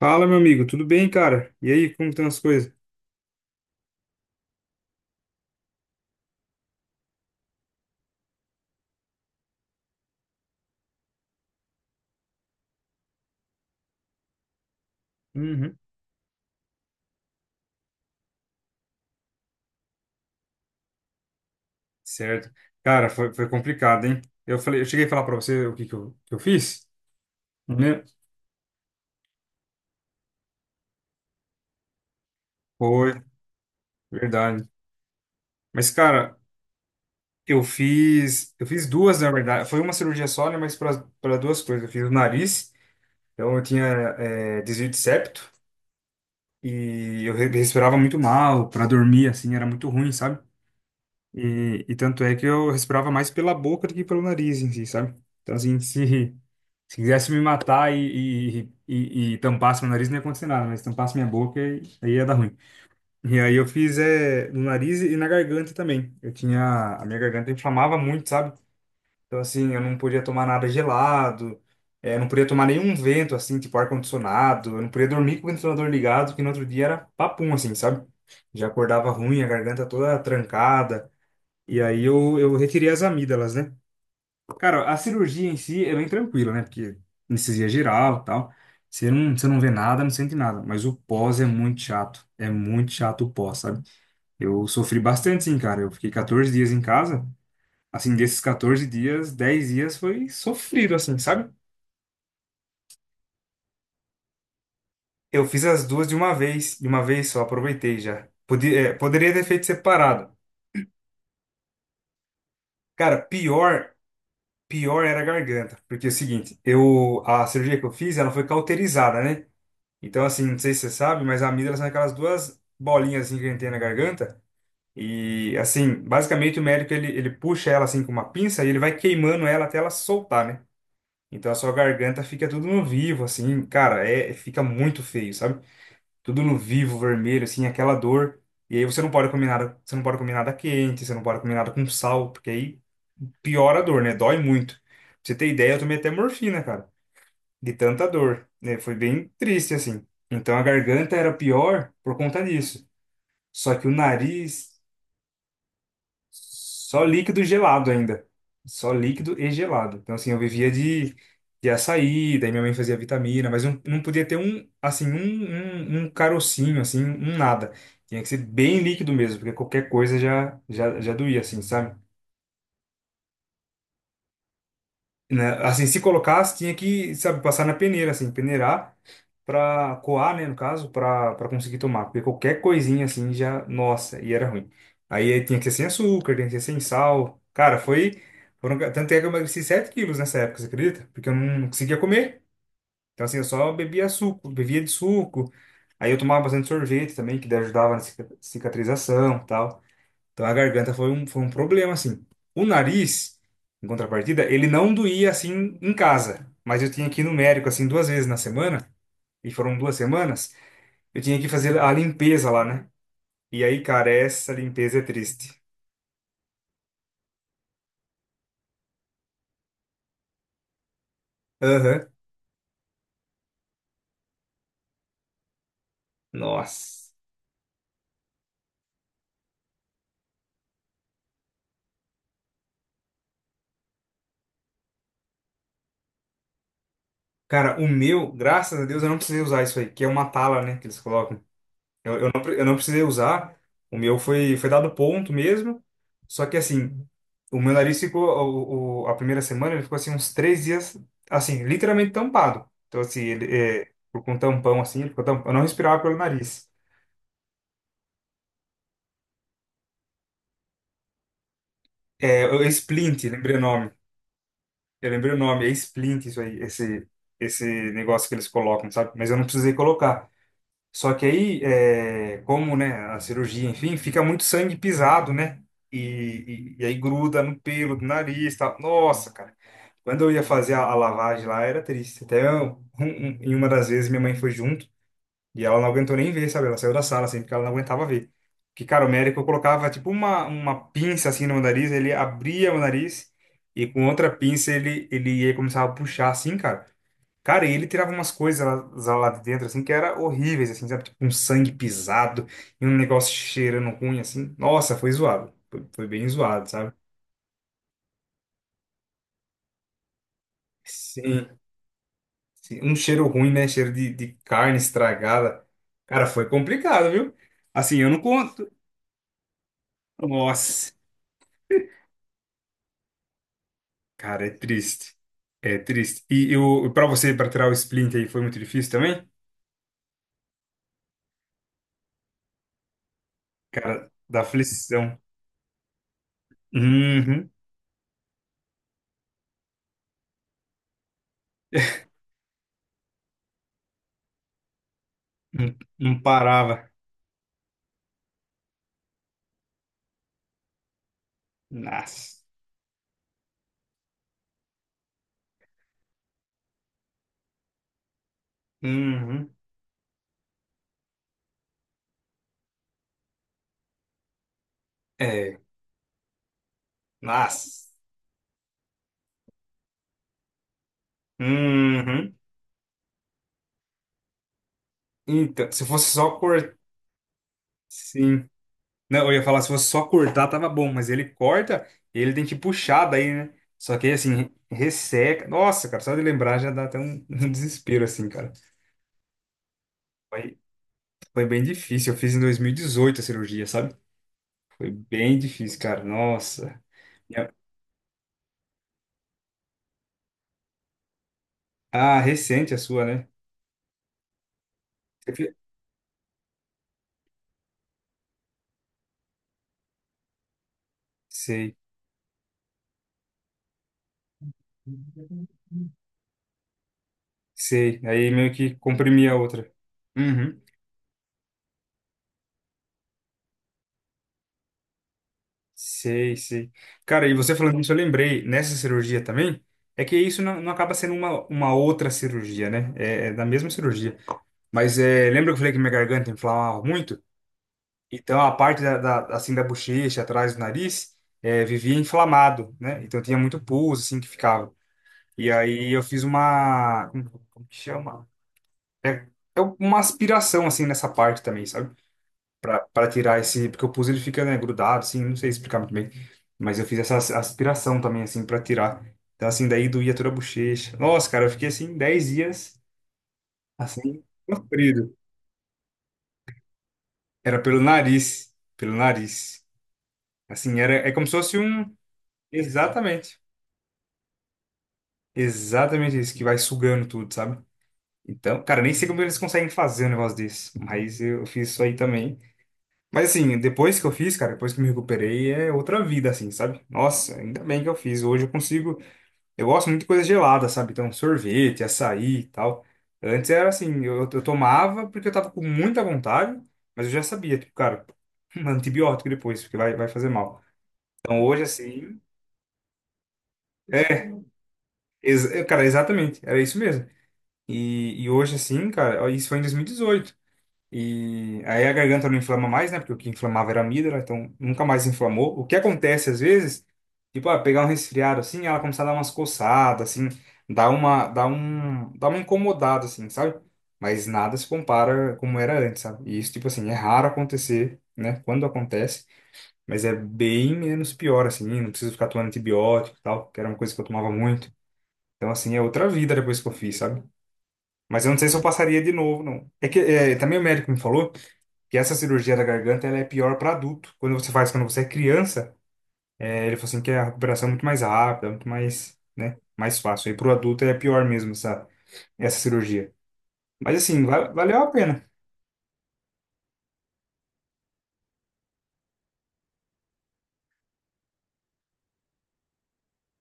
Fala, meu amigo, tudo bem, cara? E aí, como estão as coisas? Uhum. Certo. Cara, foi complicado, hein? Eu falei, eu cheguei a falar pra você o que que eu fiz, né? Foi, verdade. Mas, cara, eu fiz duas, na verdade. Foi uma cirurgia só, né? Mas para duas coisas. Eu fiz o nariz, então eu tinha desvio de septo e eu respirava muito mal, para dormir assim era muito ruim, sabe? E tanto é que eu respirava mais pela boca do que pelo nariz em si, sabe? Então, assim, se quisesse me matar e tampasse meu nariz, não ia acontecer nada, mas tampasse minha boca, aí ia dar ruim. E aí eu fiz no nariz e na garganta também. Eu tinha, a minha garganta inflamava muito, sabe? Então, assim, eu não podia tomar nada gelado, não podia tomar nenhum vento, assim, tipo ar-condicionado, eu não podia dormir com o ventilador ligado, que no outro dia era papum, assim, sabe? Já acordava ruim, a garganta toda trancada. E aí eu retirei as amígdalas, né? Cara, a cirurgia em si é bem tranquila, né? Porque anestesia geral e tal. Você não vê nada, não sente nada. Mas o pós é muito chato. É muito chato o pós, sabe? Eu sofri bastante, sim, cara. Eu fiquei 14 dias em casa. Assim, desses 14 dias, 10 dias foi sofrido, assim, sabe? Eu fiz as duas de uma vez. De uma vez só, aproveitei já. Podia, poderia ter feito separado. Cara, pior era a garganta. Porque é o seguinte, a cirurgia que eu fiz, ela foi cauterizada, né? Então, assim, não sei se você sabe, mas a amígdala são aquelas duas bolinhas assim que a gente tem na garganta. E, assim, basicamente o médico ele puxa ela assim com uma pinça e ele vai queimando ela até ela soltar, né? Então a sua garganta fica tudo no vivo, assim, cara, fica muito feio, sabe? Tudo no vivo, vermelho, assim, aquela dor. E aí você não pode comer nada, você não pode comer nada quente, você não pode comer nada com sal, porque aí piora a dor, né? Dói muito. Pra você ter ideia, eu tomei até morfina, cara de tanta dor, né? Foi bem triste assim. Então a garganta era pior por conta disso. Só que o nariz, só líquido gelado ainda. Só líquido e gelado. Então assim, eu vivia de açaí, daí minha mãe fazia vitamina, mas não, não podia ter um, assim, um carocinho, assim, um nada. Tinha que ser bem líquido mesmo, porque qualquer coisa já, já doía, assim, sabe? Né? Assim, se colocasse, tinha que, sabe, passar na peneira, assim, peneirar para coar, né, no caso, para conseguir tomar, porque qualquer coisinha assim já, nossa, e era ruim. Aí tinha que ser sem açúcar, tinha que ser sem sal. Cara, foi foram, tanto é que eu emagreci 7 quilos nessa época, você acredita? Porque eu não conseguia comer. Então assim, eu só bebia suco, bebia de suco. Aí eu tomava bastante sorvete também, que daí ajudava na cicatrização, e tal. Então a garganta foi um problema assim. O nariz, em contrapartida, ele não doía assim em casa, mas eu tinha que ir no médico assim duas vezes na semana. E foram 2 semanas. Eu tinha que fazer a limpeza lá, né? E aí, cara, essa limpeza é triste. Aham. Nossa. Cara, o meu, graças a Deus, eu não precisei usar isso aí, que é uma tala, né, que eles colocam. Eu não precisei usar. O meu foi, foi dado ponto mesmo. Só que, assim, o meu nariz ficou, a primeira semana, ele ficou, assim, uns 3 dias, assim, literalmente tampado. Então, assim, ele, com um tampão, assim, ele ficou tampão. Eu não respirava pelo nariz. É, é splint, lembrei o nome. Eu lembrei o nome, é Splint isso aí, esse negócio que eles colocam, sabe? Mas eu não precisei colocar. Só que aí, como, né, a cirurgia, enfim, fica muito sangue pisado, né? E aí gruda no pelo do nariz, tá? Nossa, cara. Quando eu ia fazer a lavagem lá, era triste. Até em uma das vezes minha mãe foi junto. E ela não aguentou nem ver, sabe? Ela saiu da sala, assim, porque ela não aguentava ver. Porque, cara, o médico colocava, tipo, uma, pinça, assim, no nariz, ele abria o nariz e com outra pinça ele ia começar a puxar, assim, cara. Cara, e ele tirava umas coisas lá, lá de dentro, assim, que era horríveis, assim, sabe? Tipo, um sangue pisado e um negócio cheirando ruim, assim. Nossa, foi zoado. Foi bem zoado, sabe? Sim, sim. Um cheiro ruim, né? Cheiro de carne estragada. Cara, foi complicado, viu? Assim, eu não conto. Nossa. Cara, é triste. É triste. E pra você, para tirar o splint aí, foi muito difícil também? Cara, da aflição. Uhum. Não, não parava. Nossa. Uhum. É. Nossa. Uhum. Então, se fosse só cortar. Sim. Não, eu ia falar, se fosse só cortar, tava bom, mas ele corta, ele tem que puxar daí, né? Só que aí, assim, resseca. Nossa, cara, só de lembrar já dá até um, um desespero, assim, cara. Foi, foi bem difícil. Eu fiz em 2018 a cirurgia, sabe? Foi bem difícil, cara. Nossa. Minha- Ah, recente a sua, né? Você fe- Sei, sei. Aí meio que comprimi a outra. Uhum. Sei, sei. Cara, e você falando isso, eu lembrei, nessa cirurgia também, é que isso não, não acaba sendo uma outra cirurgia, né? É da mesma cirurgia. Mas lembra que eu falei que minha garganta inflamava muito? Então a parte assim da bochecha, atrás do nariz, vivia inflamado, né? Então tinha muito pus, assim, que ficava. E aí eu fiz uma. Como que chama? É, é uma aspiração, assim, nessa parte também, sabe? Pra tirar esse. Porque o pus ele fica, né, grudado, assim, não sei explicar muito bem. Mas eu fiz essa aspiração também, assim, pra tirar. Então, assim, daí doía toda a bochecha. Nossa, cara, eu fiquei assim 10 dias, assim, sofrido. Era pelo nariz. Pelo nariz. Assim, é como se fosse um. Exatamente. Exatamente isso, que vai sugando tudo, sabe? Então, cara, nem sei como eles conseguem fazer um negócio desse, mas eu fiz isso aí também. Mas assim, depois que eu fiz, cara, depois que me recuperei, é outra vida, assim, sabe? Nossa, ainda bem que eu fiz. Hoje eu consigo. Eu gosto muito de coisa gelada, sabe? Então, sorvete, açaí e tal. Antes era assim, eu tomava porque eu tava com muita vontade, mas eu já sabia, tipo, cara, antibiótico depois, porque vai fazer mal. Então, hoje, assim, Cara, exatamente, era isso mesmo. E hoje, assim, cara, ó, isso foi em 2018. E aí a garganta não inflama mais, né? Porque o que inflamava era a amígdala, então nunca mais inflamou. O que acontece às vezes, tipo, ah, pegar um resfriado assim, ela começa a dar umas coçadas, assim, dá uma incomodada, assim, sabe? Mas nada se compara como era antes, sabe? E isso, tipo assim, é raro acontecer, né? Quando acontece, mas é bem menos pior, assim, não preciso ficar tomando antibiótico e tal, que era uma coisa que eu tomava muito. Então, assim, é outra vida depois que eu fiz, sabe? Mas eu não sei se eu passaria de novo, não. É que também o médico me falou. Que essa cirurgia da garganta ela é pior para adulto. Quando você é criança, ele falou assim que a recuperação é muito mais rápida, muito mais, né, mais fácil. E para o adulto é pior mesmo essa cirurgia. Mas assim, valeu a pena.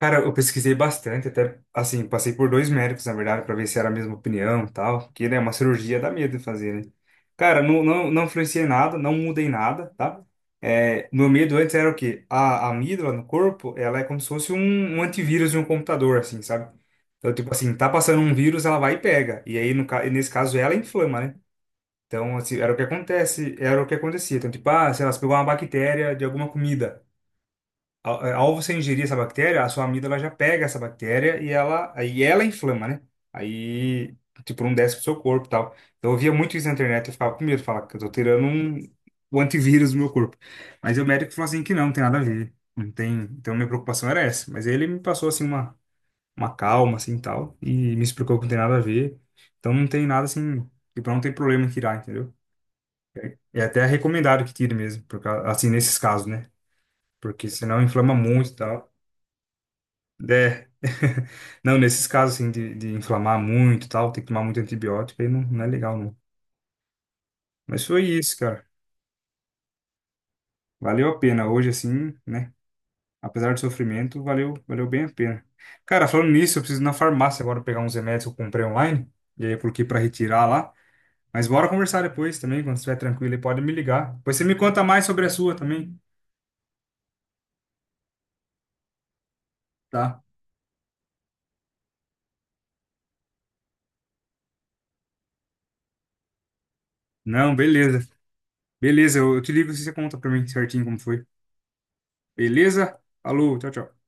Cara, eu pesquisei bastante, até assim, passei por dois médicos, na verdade, para ver se era a mesma opinião e tal, que, né, uma cirurgia dá medo de fazer, né? Cara, não, não influenciei nada, não mudei nada, tá? É, meu medo antes era o quê? A amígdala no corpo, ela é como se fosse um, antivírus de um computador, assim, sabe? Então, tipo assim, tá passando um vírus, ela vai e pega. E aí, no, ca- e nesse caso, ela inflama, né? Então, assim, era o que acontece, era o que acontecia. Então, tipo, ah, sei lá, você pegou uma bactéria de alguma comida. Ao você ingerir essa bactéria, a sua amígdala já pega essa bactéria e aí ela inflama, né? Aí, tipo, não desce pro seu corpo e tal. Então, eu via muito isso na internet, eu ficava com medo, falava que eu tô tirando o antivírus do meu corpo. Mas aí o médico falou assim que não, não tem nada a ver. Não tem, então, minha preocupação era essa. Mas aí ele me passou, assim, uma calma, assim, tal, e me explicou que não tem nada a ver. Então, não tem nada, assim, tipo, não tem problema em tirar, entendeu? É até recomendado que tire mesmo, porque, assim, nesses casos, né? Porque senão inflama muito e tal. É. Não, nesses casos, assim, de inflamar muito e tal, tem que tomar muito antibiótico, aí não, não é legal, não. Mas foi isso, cara. Valeu a pena. Hoje, assim, né? Apesar do sofrimento, valeu, valeu bem a pena. Cara, falando nisso, eu preciso ir na farmácia agora pegar uns remédios que eu comprei online. E aí eu coloquei pra retirar lá. Mas bora conversar depois também, quando estiver tranquilo, aí pode me ligar. Depois você me conta mais sobre a sua também, tá? Não, beleza. Beleza, eu te ligo se você conta pra mim certinho como foi. Beleza? Alô, tchau, tchau.